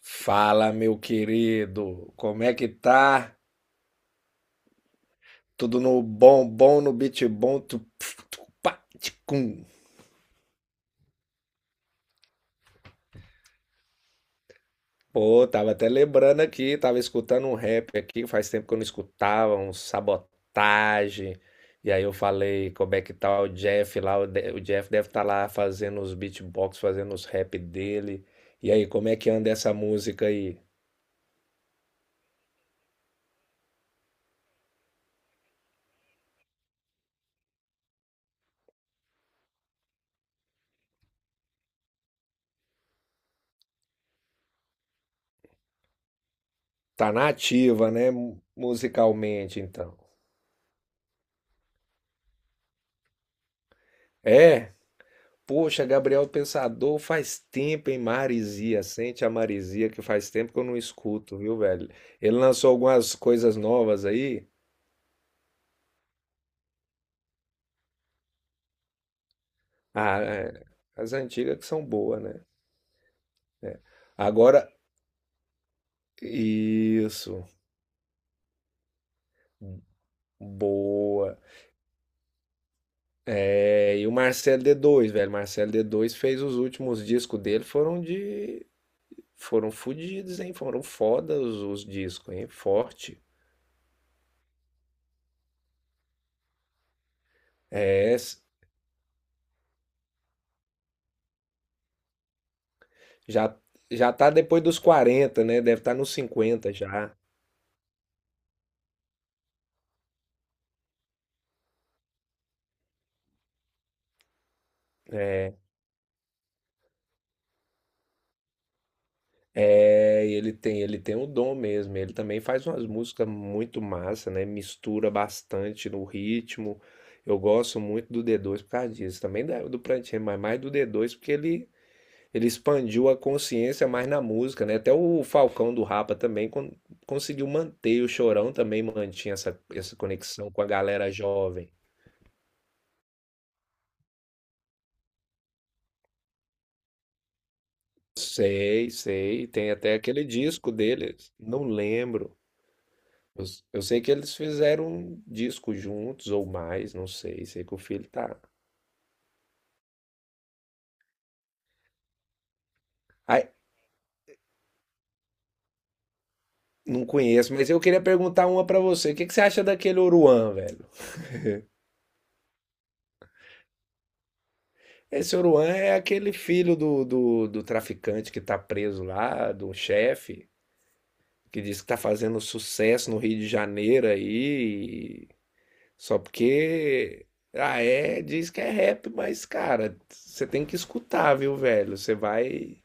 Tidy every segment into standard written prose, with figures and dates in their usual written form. Fala, meu querido, como é que tá? Tudo no bom, bom no beat bom. Tu, pf, tu, pá, tchicum. Pô, tava até lembrando aqui, tava escutando um rap aqui, faz tempo que eu não escutava, um sabotagem. E aí eu falei, como é que tá o Jeff lá? O, o Jeff deve estar lá fazendo os beatbox, fazendo os rap dele. E aí, como é que anda essa música aí? Tá na ativa, né? Musicalmente, então. É? Poxa, Gabriel Pensador, faz tempo, hein? Marizia, sente a Marizia que faz tempo que eu não escuto, viu, velho? Ele lançou algumas coisas novas aí, ah, é, as antigas que são boas, né? É. Agora, isso, boa. É, e o Marcelo d dois, velho, Marcelo d dois fez os últimos discos dele, foram fodidos, hein? Foram fodas os discos, hein? Forte. É, já já tá depois dos quarenta, né? Deve estar nos 50 já. É, e ele tem o dom mesmo. Ele também faz umas músicas muito massa, né? Mistura bastante no ritmo. Eu gosto muito do d dois por causa disso. Também do Prantinho, mas mais do d dois porque ele expandiu a consciência mais na música, né? Até o Falcão do Rapa também conseguiu manter, o Chorão também mantinha essa, essa conexão com a galera jovem. Sei, sei. Tem até aquele disco deles. Não lembro. Eu, eu sei que eles fizeram um disco juntos ou mais, não sei. Sei que o filho tá. Ai, não conheço, mas eu queria perguntar uma pra você. O que que você acha daquele Oruan, velho? Esse Oruan é aquele filho do traficante que tá preso lá, do chefe, que diz que tá fazendo sucesso no Rio de Janeiro aí. Só porque. Ah, é, diz que é rap, mas, cara, você tem que escutar, viu, velho? Você vai.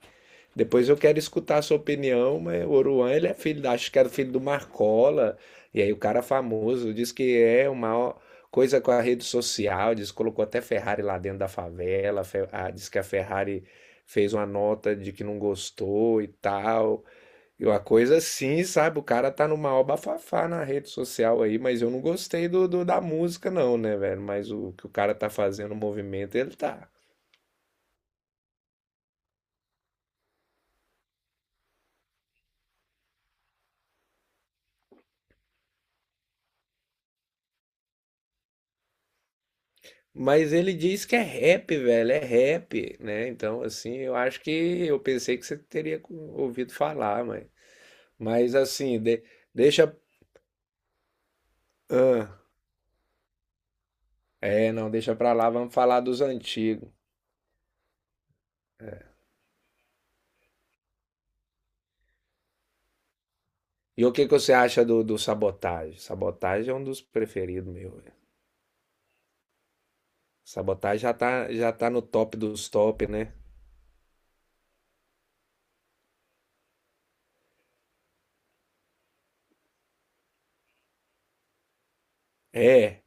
Depois eu quero escutar a sua opinião, mas o Oruan, ele é filho, acho que era filho do Marcola, e aí o cara famoso diz que é uma coisa com a rede social, diz que colocou até Ferrari lá dentro da favela, ah, diz que a Ferrari fez uma nota de que não gostou e tal. E uma coisa assim, sabe? O cara tá numa maior bafafá na rede social aí, mas eu não gostei do, da música, não, né, velho? Mas o que o cara tá fazendo, o movimento, ele tá. Mas ele diz que é rap, velho, é rap, né? Então, assim, eu acho que eu pensei que você teria ouvido falar, mas. Mas assim, deixa. Ah, é, não, deixa pra lá, vamos falar dos antigos. E o que que você acha do, do Sabotagem? Sabotagem é um dos preferidos meu, velho. Sabotagem já tá no top dos top, né? É,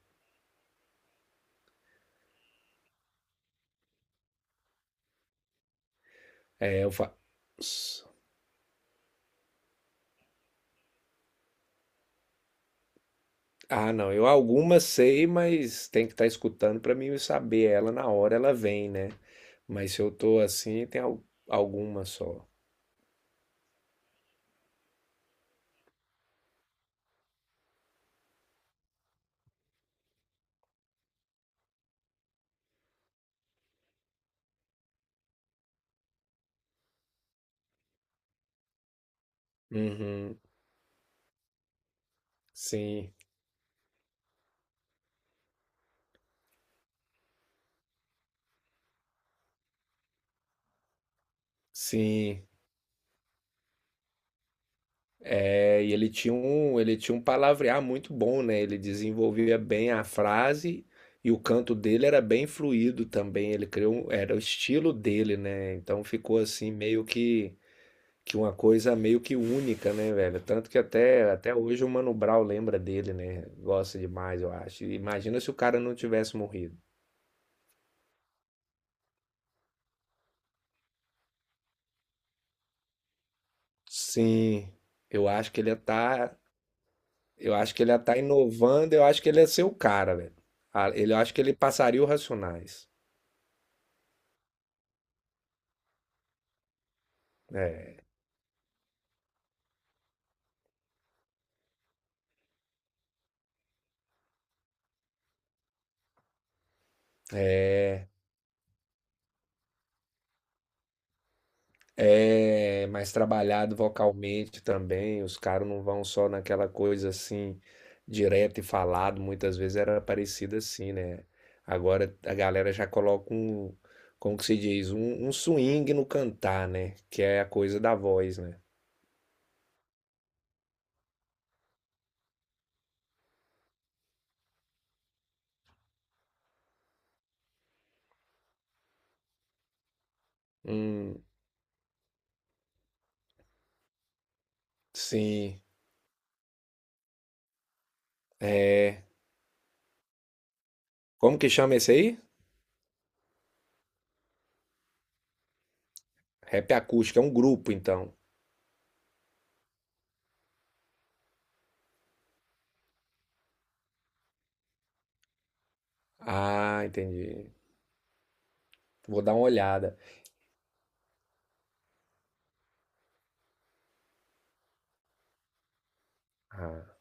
eu fa... Ah, não, eu algumas sei, mas tem que estar escutando para mim saber ela na hora ela vem, né? Mas se eu tô assim, tem alguma só. Uhum, sim, sim. É, e ele tinha um palavrear muito bom, né? Ele desenvolvia bem a frase e o canto dele era bem fluido também. Ele criou, era o estilo dele, né? Então ficou assim meio que uma coisa meio que única, né, velho? Tanto que até, até hoje o Mano Brown lembra dele, né? Gosta demais, eu acho. E imagina se o cara não tivesse morrido. Sim, eu acho que ele ia tá, eu acho que ele ia tá inovando, eu acho que ele ia ser o cara, velho. Ah, ele, eu acho que ele passaria o Racionais. É, é. É mais trabalhado vocalmente também. Os caras não vão só naquela coisa assim, direto e falado. Muitas vezes era parecido assim, né? Agora a galera já coloca um, como que se diz? Um swing no cantar, né? Que é a coisa da voz, né? Hum, sim. É. Como que chama esse aí? Rap acústico, é um grupo, então. Ah, entendi. Vou dar uma olhada. Ah,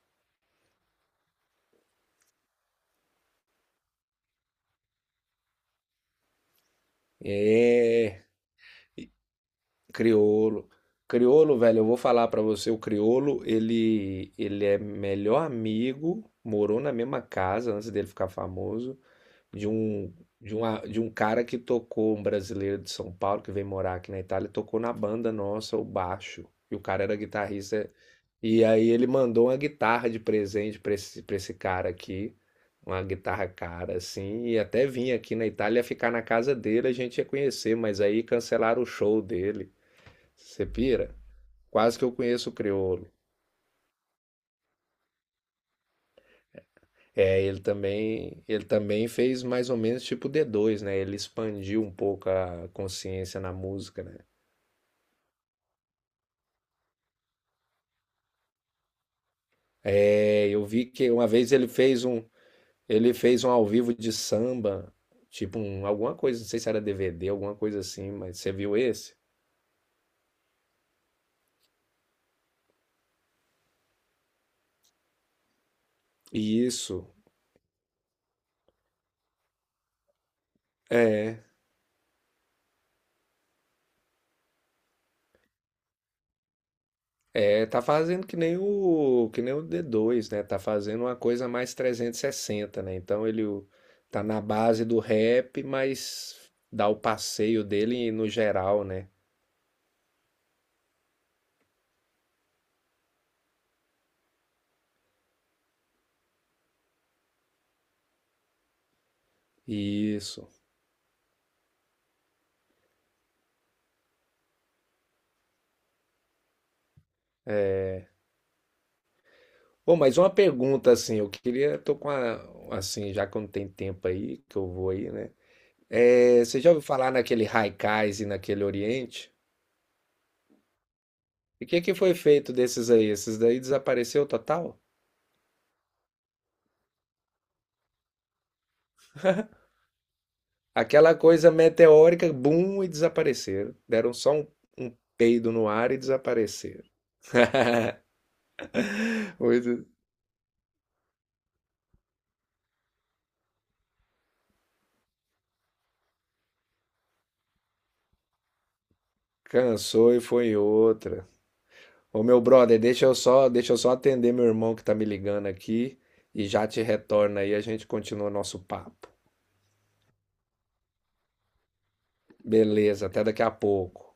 é. Criolo. Criolo, velho, eu vou falar pra você, o Criolo, ele é melhor amigo, morou na mesma casa antes dele ficar famoso, de um de um cara que tocou, um brasileiro de São Paulo que veio morar aqui na Itália, tocou na banda nossa, o baixo. E o cara era guitarrista. E aí ele mandou uma guitarra de presente pra esse cara aqui, uma guitarra cara assim, e até vim aqui na Itália ficar na casa dele, a gente ia conhecer, mas aí cancelaram o show dele. Você pira? Quase que eu conheço o crioulo. É, ele também fez mais ou menos tipo D2, né? Ele expandiu um pouco a consciência na música, né? É, eu vi que uma vez ele fez um ao vivo de samba, tipo um, alguma coisa, não sei se era DVD, alguma coisa assim, mas você viu esse? E isso, é, é, tá fazendo que nem o d dois, né? Tá fazendo uma coisa mais 360, né? Tá na base do rap, mas dá o passeio dele no geral, né? Isso. Bom, mas uma pergunta assim, eu queria, tô com a, assim, já que eu não tenho tempo aí, que eu vou aí, né? É, você já ouviu falar naquele Haikais e naquele Oriente? E o que que foi feito desses aí? Esses daí desapareceu total? Aquela coisa meteórica, bum, e desapareceram. Deram só um, um peido no ar e desapareceram. Muito- cansou e foi em outra. Ô meu brother, deixa eu só atender meu irmão que tá me ligando aqui e já te retorna aí, a gente continua nosso papo. Beleza, até daqui a pouco.